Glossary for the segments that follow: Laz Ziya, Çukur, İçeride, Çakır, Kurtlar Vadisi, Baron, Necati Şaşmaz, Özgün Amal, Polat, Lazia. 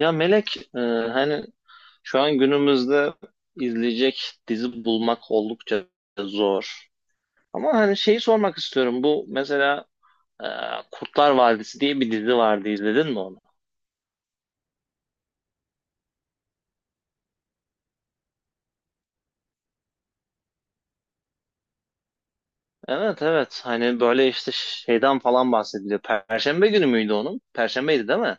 Ya Melek, hani şu an günümüzde izleyecek dizi bulmak oldukça zor. Ama hani şeyi sormak istiyorum. Bu mesela e, Kurtlar Vadisi diye bir dizi vardı. İzledin mi onu? Evet, evet. Hani böyle işte şeyden falan bahsediliyor. Perşembe günü müydü onun? Perşembeydi değil mi?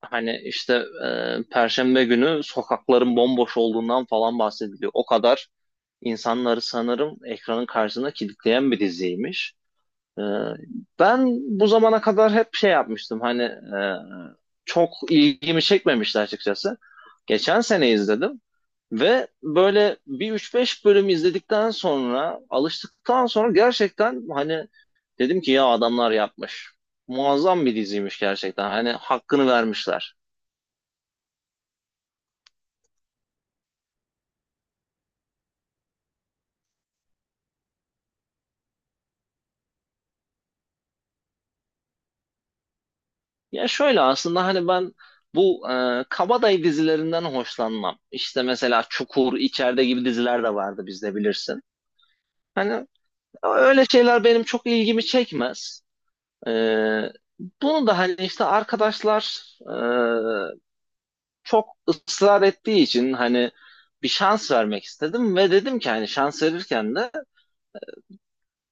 Hani işte Perşembe günü sokakların bomboş olduğundan falan bahsediliyor. O kadar insanları sanırım ekranın karşısına kilitleyen bir diziymiş. Ee, ben bu zamana kadar hep şey yapmıştım hani çok ilgimi çekmemişti açıkçası. Geçen sene izledim ve böyle bir üç beş bölüm izledikten sonra alıştıktan sonra gerçekten hani dedim ki ya adamlar yapmış. Muazzam bir diziymiş gerçekten hani hakkını vermişler. Ya şöyle aslında hani ben bu kabadayı dizilerinden hoşlanmam. İşte mesela Çukur, İçeride gibi diziler de vardı bizde bilirsin. Hani ama öyle şeyler benim çok ilgimi çekmez. Ee, bunu da hani işte arkadaşlar e, çok ısrar ettiği için hani bir şans vermek istedim ve dedim ki hani şans verirken de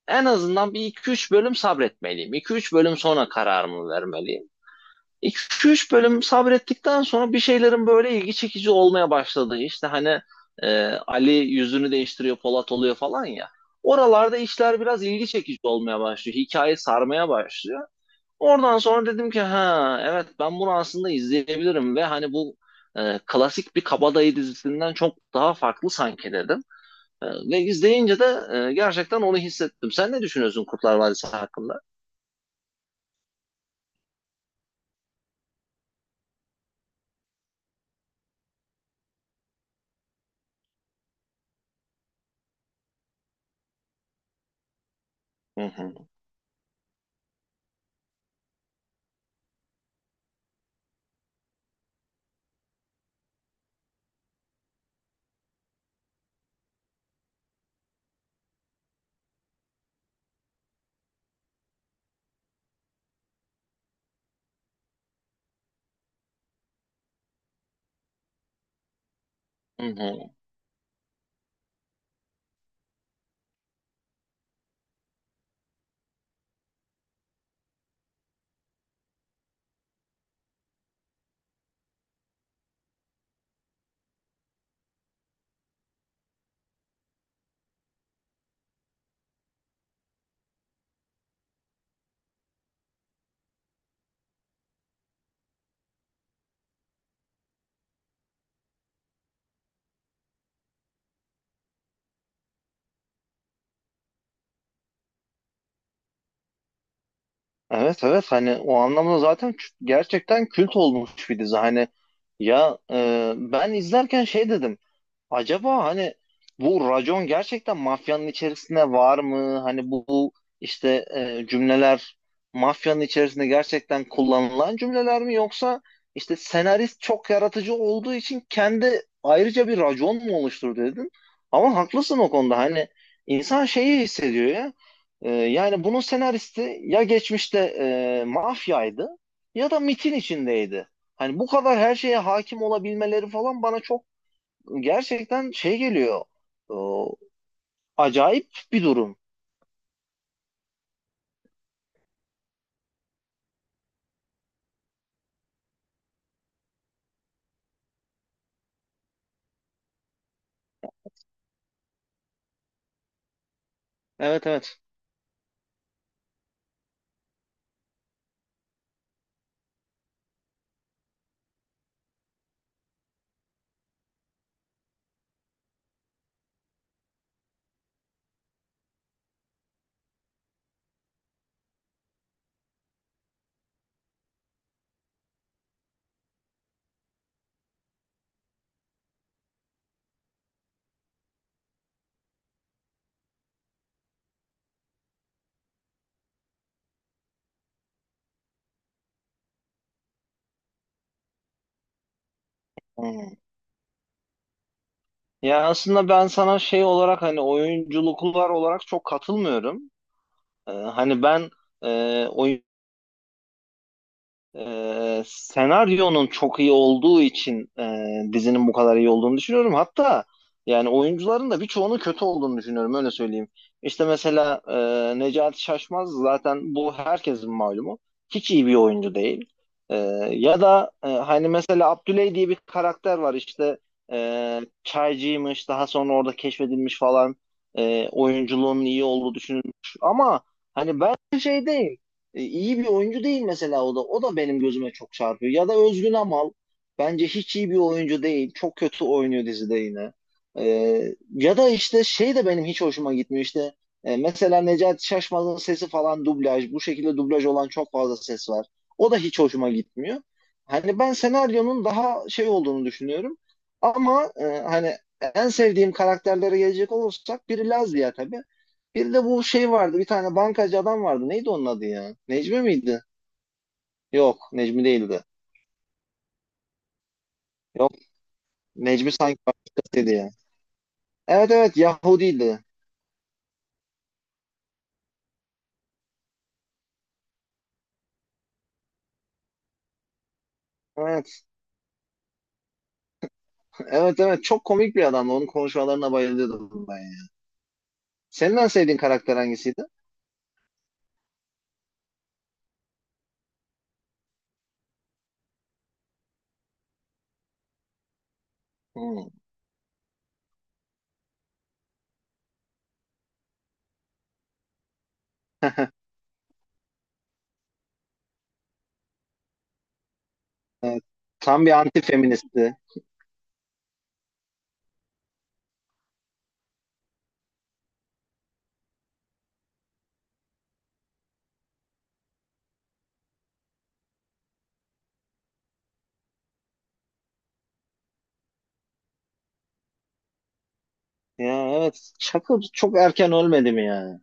en azından bir iki üç bölüm sabretmeliyim. İki üç bölüm sonra kararımı vermeliyim. 2-3 bölüm sabrettikten sonra bir şeylerin böyle ilgi çekici olmaya başladı. İşte hani Ali yüzünü değiştiriyor, Polat oluyor falan ya. Oralarda işler biraz ilgi çekici olmaya başlıyor. Hikaye sarmaya başlıyor. Oradan sonra dedim ki ha evet ben bunu aslında izleyebilirim ve hani bu klasik bir kabadayı dizisinden çok daha farklı sanki dedim. Ve izleyince de gerçekten onu hissettim. Sen ne düşünüyorsun Kurtlar Vadisi hakkında? Hı hı. Hı hı. Evet, evet, hani o anlamda zaten gerçekten kült olmuş bir dizi. Hani ya ben izlerken şey dedim. Acaba hani bu racon gerçekten mafyanın içerisinde var mı? Hani bu, bu işte cümleler mafyanın içerisinde gerçekten kullanılan cümleler mi yoksa işte senarist çok yaratıcı olduğu için kendi ayrıca bir racon mu oluşturdu dedin? Ama haklısın o konuda. Hani insan şeyi hissediyor ya. Yani bunun senaristi ya geçmişte mafyaydı ya da MIT'in içindeydi. Hani bu kadar her şeye hakim olabilmeleri falan bana çok gerçekten şey geliyor. O, acayip bir durum. Evet, evet. Hmm. Ya aslında ben sana şey olarak hani oyunculuklar olarak çok katılmıyorum. Hani e, senaryonun çok iyi olduğu için dizinin bu kadar iyi olduğunu düşünüyorum. Hatta yani oyuncuların da birçoğunun kötü olduğunu düşünüyorum öyle söyleyeyim. İşte mesela Necati Şaşmaz zaten bu herkesin malumu. Hiç iyi bir oyuncu değil. E, ya da hani mesela Abdüley diye bir karakter var işte çaycıymış daha sonra orada keşfedilmiş falan. Oyunculuğunun iyi olduğu düşünülmüş. Ama hani ben şey değil. İyi bir oyuncu değil mesela o da. O da benim gözüme çok çarpıyor. Ya da Özgün Amal bence hiç iyi bir oyuncu değil. Çok kötü oynuyor dizide yine. E, ya da işte şey de benim hiç hoşuma gitmiyor işte. Mesela Necati Şaşmaz'ın sesi falan dublaj. Bu şekilde dublaj olan çok fazla ses var. O da hiç hoşuma gitmiyor. Hani ben senaryonun daha şey olduğunu düşünüyorum. Ama hani en sevdiğim karakterlere gelecek olursak biri Lazia tabii. Bir de bu şey vardı. Bir tane bankacı adam vardı. Neydi onun adı ya? Necmi miydi? Yok, Necmi değildi. Yok, Necmi sanki başkasıydı ya. Evet, evet, Yahudiydi. Evet. Evet, evet, çok komik bir adamdı. Onun konuşmalarına bayılıyordum ben ya. Senin en sevdiğin karakter hangisiydi? Hmm. Tam bir anti-feministti. Ya evet. Çakır çok erken ölmedi mi yani?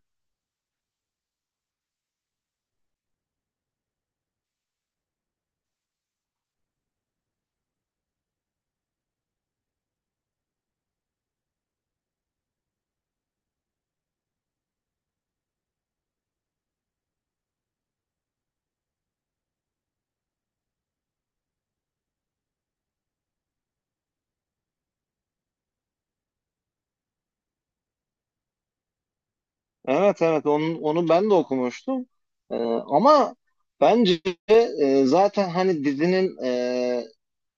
Evet, evet, onu, onu ben de okumuştum. Ama bence zaten hani dizinin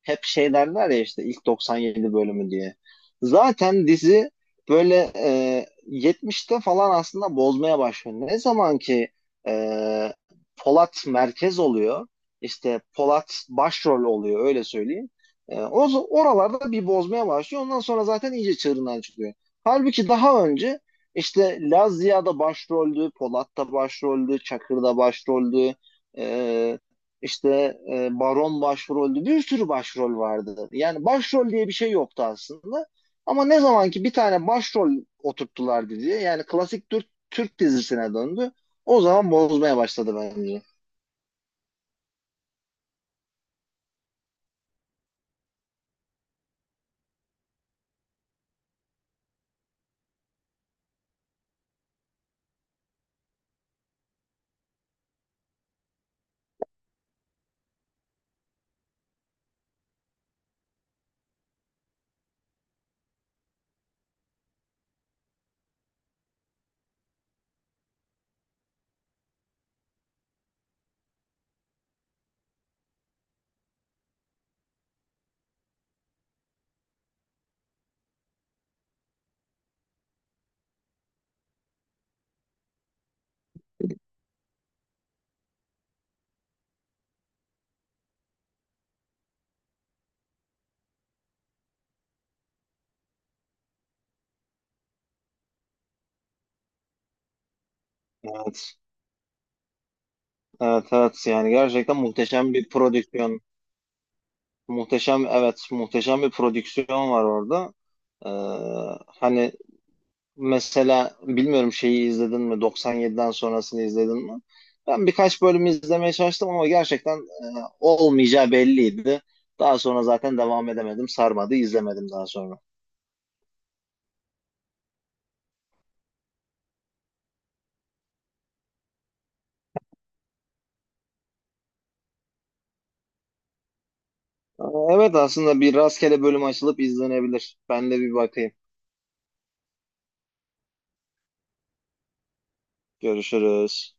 hep şey derler ya işte ilk 97 bölümü diye. Zaten dizi böyle 70'te falan aslında bozmaya başlıyor. Ne zaman ki e, Polat merkez oluyor, işte Polat başrol oluyor öyle söyleyeyim. O oralarda bir bozmaya başlıyor. Ondan sonra zaten iyice çığırından çıkıyor. Halbuki daha önce işte Laz Ziya da başroldü, Polat da başroldü, Çakır da başroldü. E, işte Baron başroldü. Bir sürü başrol vardı. Yani başrol diye bir şey yoktu aslında. Ama ne zaman ki bir tane başrol oturttular diye yani klasik Türk, Türk dizisine döndü. O zaman bozmaya başladı bence. Evet. Evet, evet, yani gerçekten muhteşem bir prodüksiyon. Muhteşem, evet, muhteşem bir prodüksiyon var orada. Ee, hani mesela bilmiyorum şeyi izledin mi? 97'den sonrasını izledin mi? Ben birkaç bölüm izlemeye çalıştım ama gerçekten olmayacağı belliydi. Daha sonra zaten devam edemedim. Sarmadı, izlemedim daha sonra. Aa, evet, aslında bir rastgele bölüm açılıp izlenebilir. Ben de bir bakayım. Görüşürüz.